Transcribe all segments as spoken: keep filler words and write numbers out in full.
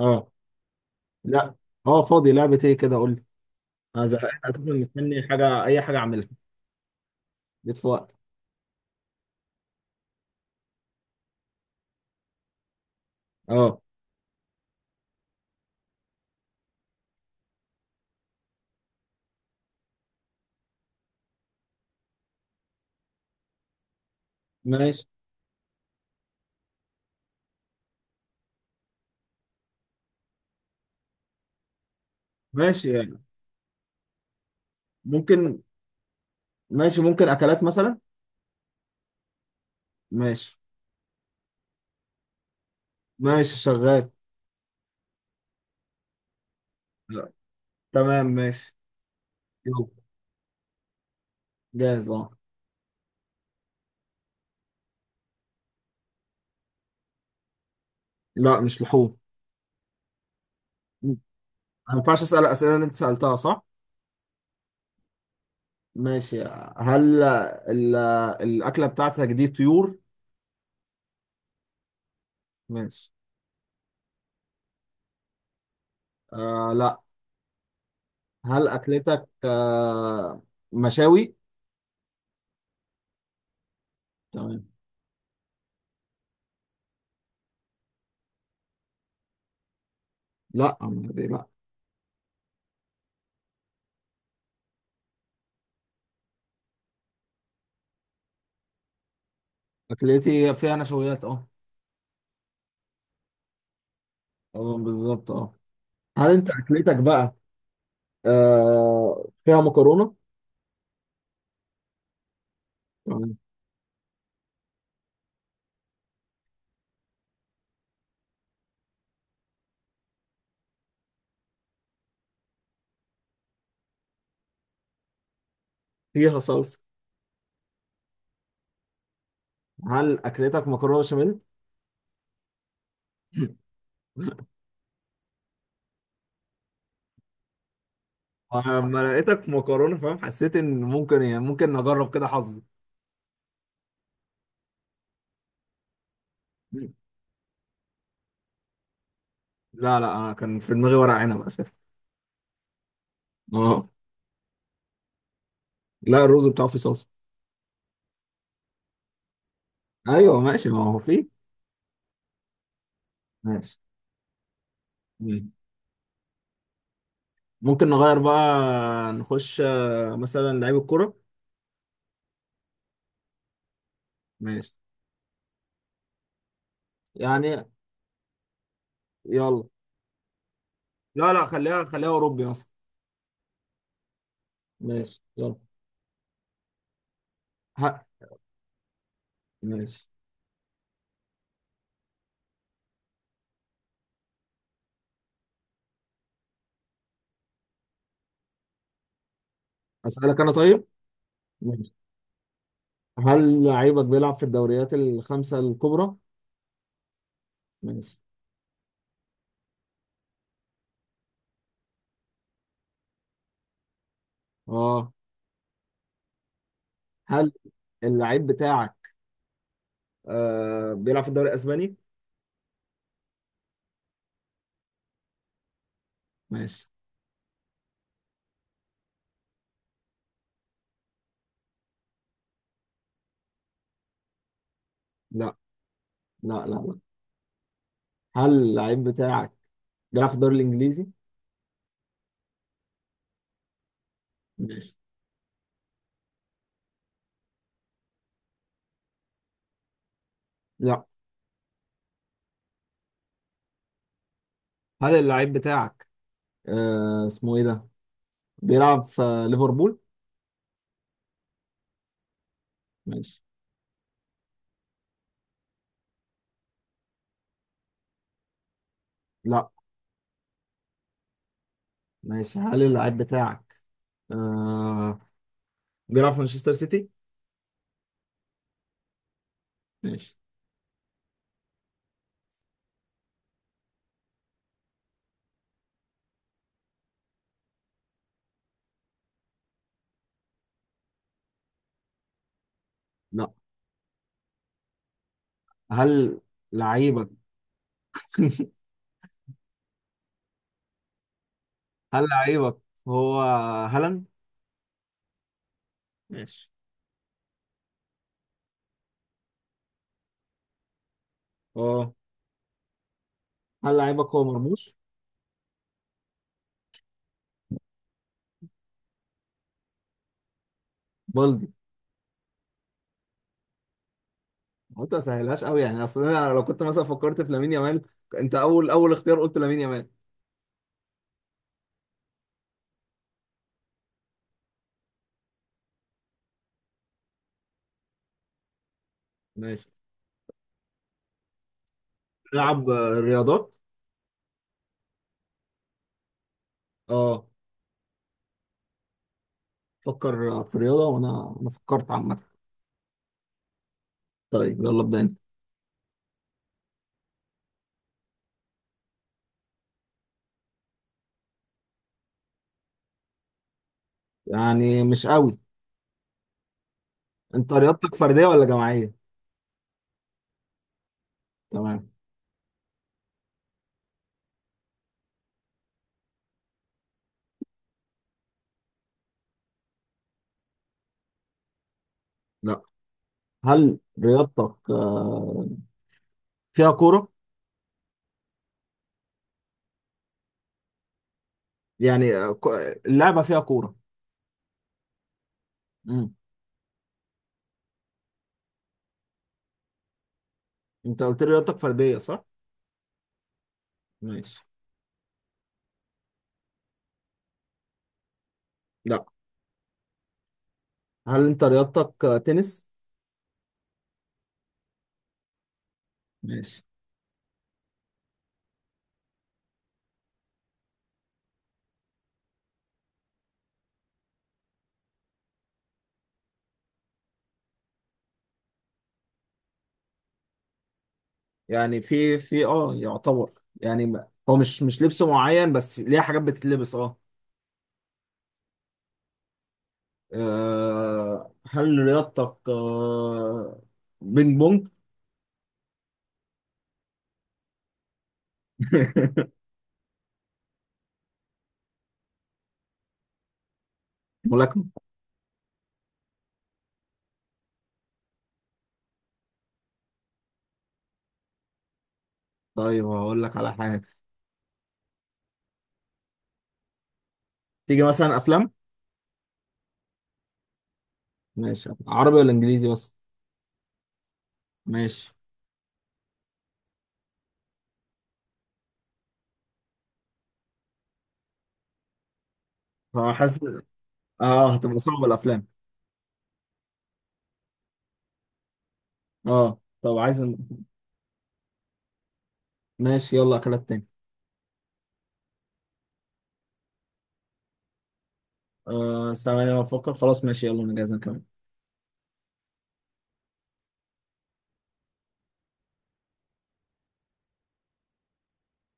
اه. لا. اه، فاضي، لعبة ايه كده؟ قول لي. انا زهقان اساسا، مستني حاجة، اي حاجة اعملها. جيت في وقت. اه. ماشي. ماشي يعني. ممكن. ماشي، ممكن اكلات مثلا. ماشي. ماشي شغال. لا. تمام ماشي. يلا. جاهز اه. لا، مش لحوم. م. ما ينفعش اسال الاسئله اللي انت سالتها، صح؟ ماشي. هل ال... الاكله بتاعتك دي طيور؟ ماشي. آه لا. هل اكلتك آه مشاوي؟ تمام. لا، دي لا. اكلتي فيها نشويات اه. اه، بالظبط اه. هل انت اكلتك بقى آه فيها مكرونه؟ تمام. فيها صلصه. هل اكلتك مكرونه بشاميل؟ لما لقيتك مكرونه فاهم، حسيت ان ممكن، يعني ممكن نجرب كده حظي. لا، لا، انا كان في دماغي ورق عنب اساسا. اه. لا، الرز بتاعه فيه صلصه. ايوه ماشي، ما هو فيه. ماشي. مم. ممكن نغير بقى. نخش آه، مثلا لعيب الكرة. ماشي يعني. يلا. لا، لا، خليها خليها اوروبي مثلا. ماشي يلا. ه- ماشي. أسألك أنا طيب. ماشي. هل لعيبك بيلعب في الدوريات الخمسة الكبرى؟ ماشي اه. هل اللعيب بتاعك آه بيلعب في الدوري الاسباني؟ ماشي. لا، لا، لا، لا. هل اللعيب بتاعك بيلعب في الدوري الانجليزي؟ ماشي. لا. هل اللعيب بتاعك، آه اسمه ايه ده، بيلعب في ليفربول؟ ماشي. لا. ماشي. هل اللعيب بتاعك آه بيلعب في مانشستر سيتي؟ ماشي. لا. هل لعيبك هل لعيبك هو هالاند؟ ماشي. اه. هل لعيبك هو مرموش؟ بلدي. قلت ما سهلهاش قوي، يعني اصل انا لو كنت مثلا فكرت في لامين يامال. انت اول اول اختيار قلت لامين يامال. ماشي. تلعب آه، رياضات؟ اه. فكر في رياضة، وانا انا فكرت عامة. طيب، يلا، ابدا انت. يعني مش قوي. انت رياضتك فردية ولا جماعية؟ تمام. لا. هل رياضتك آه، فيها كورة؟ يعني آه، ك- اللعبة فيها كورة. مم. انت قلت لي رياضتك فردية، صح؟ ماشي. لا. هل انت رياضتك آه، تنس؟ ماشي. يعني في في اه يعتبر، يعني ما- هو مش مش لبس معين، بس ليه حاجات بتتلبس اه. آه، هل رياضتك آه، بينج بونج؟ ملاكمة؟ طيب، هقول لك على حاجة. تيجي مثلا أفلام؟ ماشي. عربي ولا إنجليزي بس؟ ماشي. فحاسس. اه، هتبقى صعبة الأفلام. اه، طب عايز. ماشي يلا، أكلات تاني. آه ثواني أنا بفكر. خلاص ماشي يلا، أنا جاهز، أنا كمان.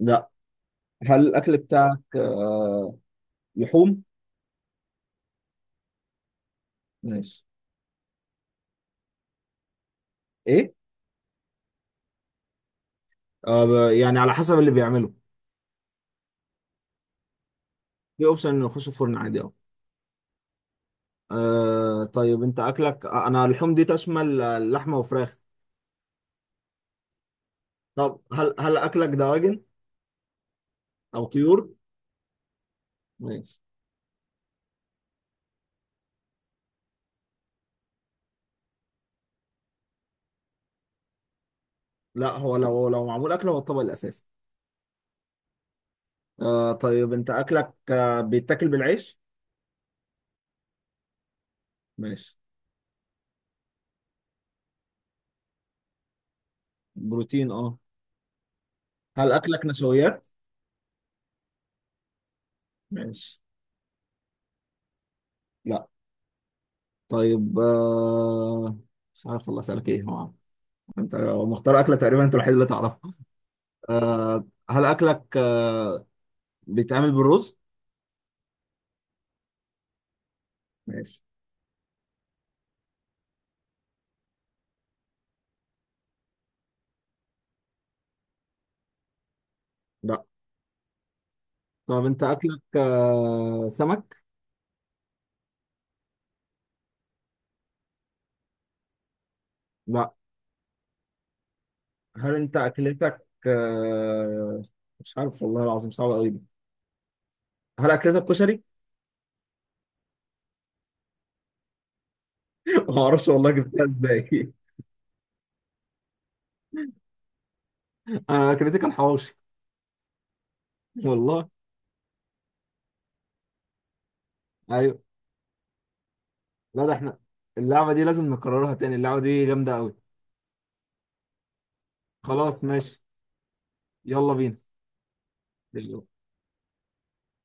لا. هل الأكل بتاعك آه، لحوم؟ ماشي. إيه؟ آه ب- يعني على حسب اللي بيعمله. في أوبشن إنه يخش الفرن عادي أهو. آه طيب، أنت أكلك، آه، أنا اللحوم دي تشمل آه، لحمة وفراخ؟ طب هل هل أكلك دواجن أو طيور؟ ماشي. لا، هو لو لو معمول أكل هو الطبق الأساسي. آه طيب، أنت أكلك آه، بيتاكل بالعيش؟ ماشي. بروتين أه. هل أكلك نشويات؟ ماشي. لا. طيب، آه مش عارف والله، أسألك إيه هو. انت لو مختار اكله، تقريبا انت الوحيد اللي تعرفها. آه هل اكلك آه، بيتعمل بالرز؟ ماشي. لا. طب انت اكلك آه سمك؟ لا. هل انت اكلتك آه مش عارف والله العظيم، صعب قوي دي. هل اكلتك كشري؟ ما اعرفش والله جبتها ازاي. انا اكلتي كان حواوشي. والله. ايوه. لا، ده احنا اللعبه دي لازم نكررها تاني، اللعبه دي جامده قوي. خلاص ماشي. يلا. بينا.